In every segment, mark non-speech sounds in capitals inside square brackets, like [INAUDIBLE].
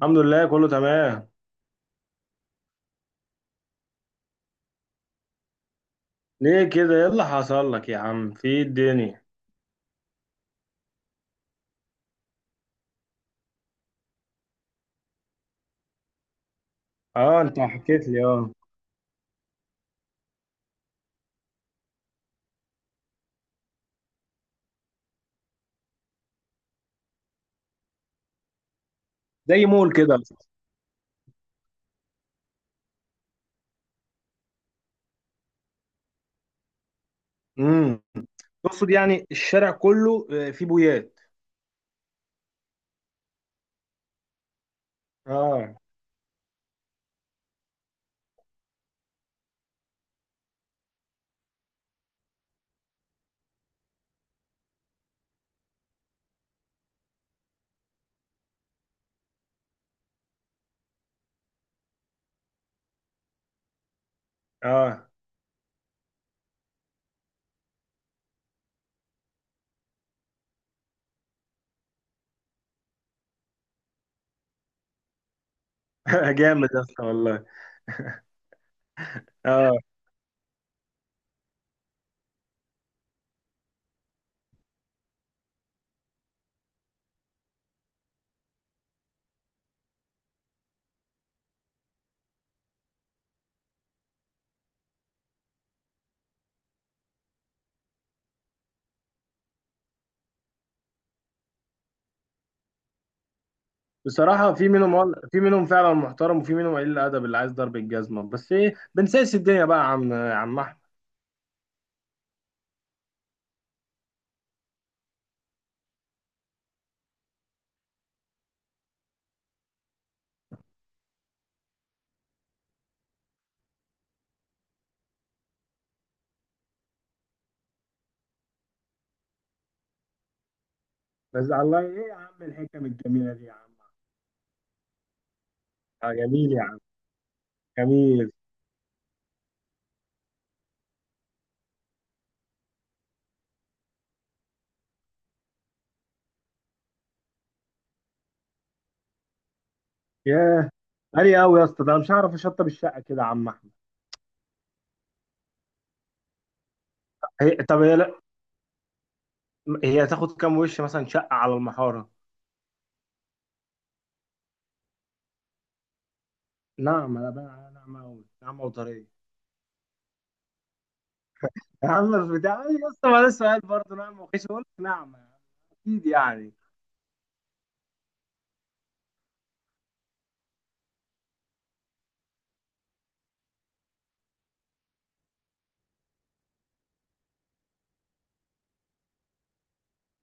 الحمد لله، كله تمام. ليه كده؟ ايه اللي حصل لك يا عم؟ في إيه الدنيا؟ اه، انت حكيت لي. اه، زي مول كده. امم تقصد يعني الشارع كله، آه، فيه بويات. اه. اه. [LAUGHS] جامد يا اسطى والله. اه، بصراحة في منهم في منهم فعلا محترم، وفي منهم قليل الأدب اللي عايز ضرب الجزمة. بس ايه، بنسيس الدنيا بقى يا عم، يا عم أحمد. بس الله، ايه يا عم الحكم الجميلة دي يا عم. آه جميل يا عم، جميل. ياه. غالي قوي يا اسطى، ده أنا مش هعرف اشطب الشقة كده يا عم أحمد. طب هي تاخد كام وش مثلا شقة على المحارة؟ نعمة، لا بقى نعمة أوي، نعمة وطرية. يا عم في بتاع، أيوة يا اسطى ما ده سؤال؟ برضه نعمة وخيش أقول لك، نعمة أكيد يعني.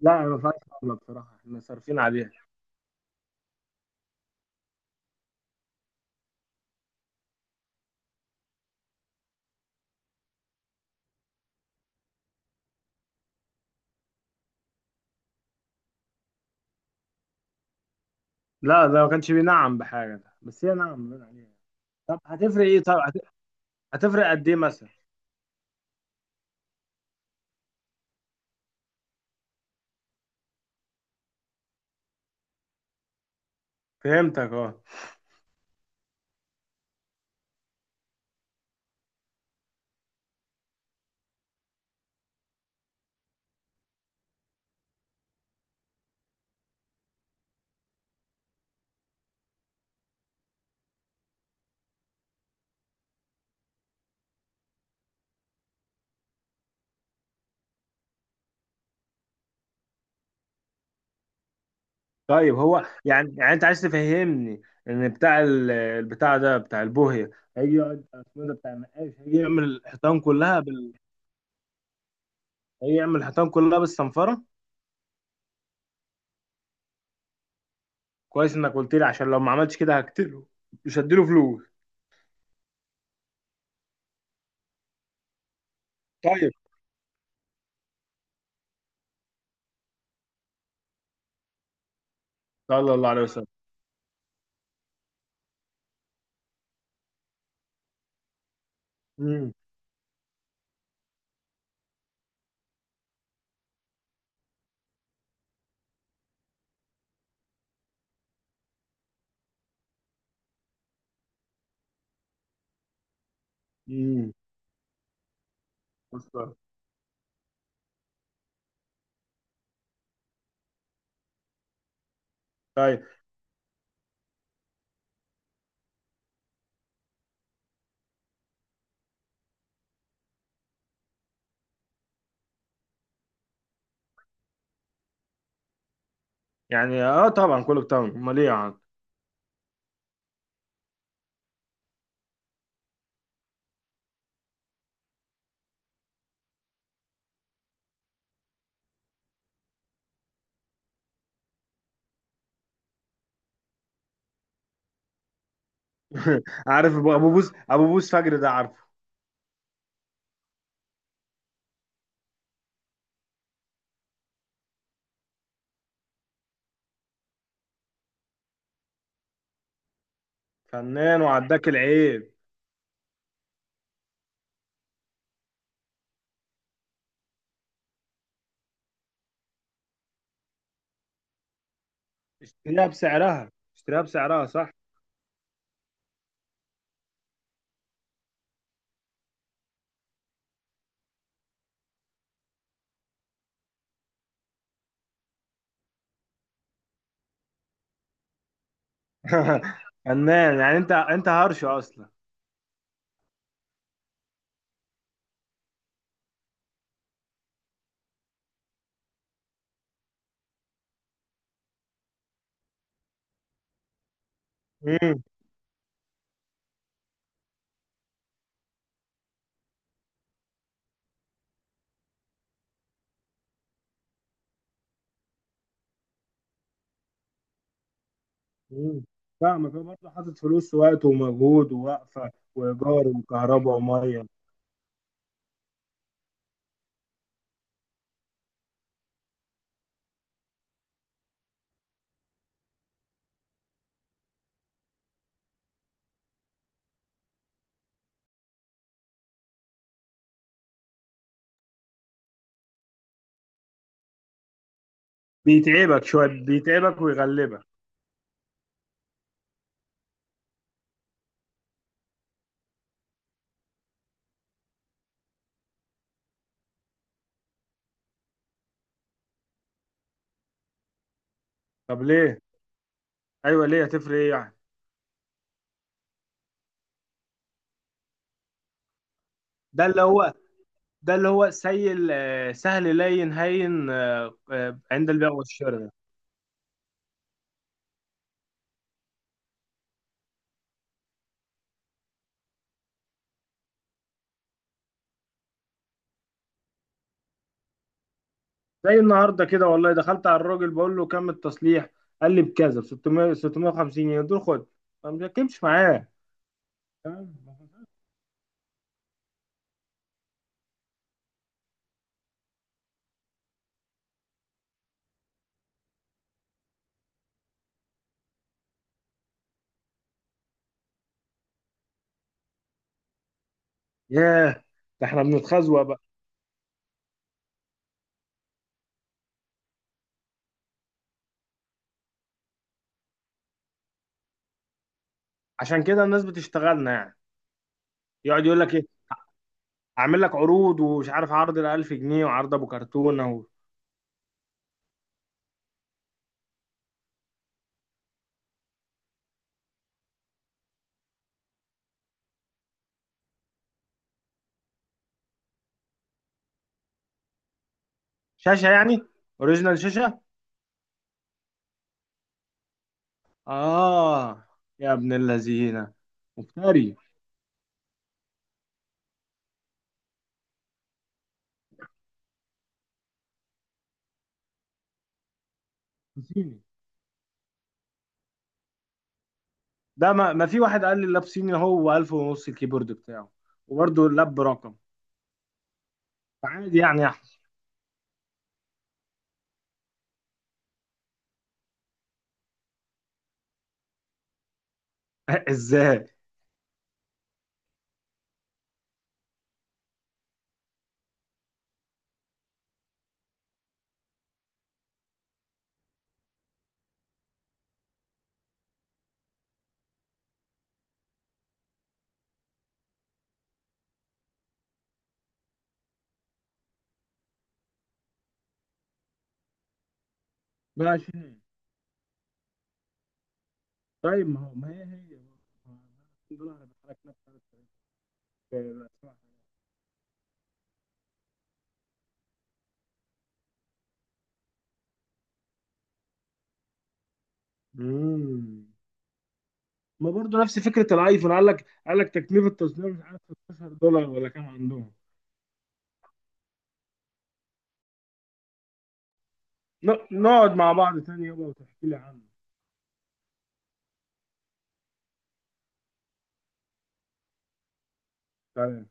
لا ما فيهاش، نعمة بصراحة احنا صارفين عليها. لا ده ما كانش بينعم بحاجة، ده بس هي نعمة بين عليها. طب هتفرق إيه؟ هتفرق قد إيه مثلا؟ فهمتك أه. طيب هو يعني، يعني أنت عايز تفهمني إن بتاع البتاع ده بتاع البوهية، هيجي يقعد اسمه إيه ده بتاع النقاش هيجي يعمل الحيطان كلها بال، هيجي يعمل الحيطان كلها بالصنفرة؟ كويس انك قلت لي، عشان لو ما عملتش كده هقتله، مش هديله فلوس. طيب. صلى الله عليه وسلم. امم امم طيب. يعني اه طبعا كله بتاعه، امال ايه يا عم. [LAUGHS] عارف ابو، أبو بوس، ابو بوس فجر ده عارفه. فنان، وعداك العيب. اشتريها بسعرها، اشتريها بسعرها، صح. [LAUGHS] فنان، يعني انت، انت هرش اصلا. امم امم فاهمك، هو برضه حاطط فلوس ووقت ومجهود ووقفه وايجار وكهرباء وميه. بيتعبك شويه، بيتعبك ويغلبك. طب ليه؟ ايوه ليه؟ هتفرق ايه يعني؟ ده اللي هو، ده اللي هو سيل، آه، سهل لين هين، آه، آه، عند البيع والشراء ده. زي النهارده كده والله، دخلت على الراجل بقول له كم التصليح، قال لي بكذا، ب 600 650 جنيه، دول خد. ما بتكلمش معاه. تمام. ياه. ده احنا بنتخزوق بقى. عشان كده الناس بتشتغلنا يعني. يقعد يقول لك ايه، اعمل لك عروض ومش عارف، عرض ال 1000 جنيه وعرض ابو كرتونه اهو. شاشه يعني، اوريجينال شاشه. اه. يا ابن اللذينه. مفتري. صيني. ده ما في واحد قال لي اللاب صيني، هو 1000 ونص الكيبورد بتاعه، وبرده اللاب برقم. فعادي يعني يا أحمد. [LAUGHS] ازاي؟ ب 20. طيب ما هو، ما هي دولار بتحرك نفس الحاجة. امم ما برضه نفس فكره الايفون، قال لك، قال لك تكلفه تصنيع مش عارف، 16 دولار ولا كام عندهم. نقعد مع بعض تاني يابا وتحكي لي عنه. تمام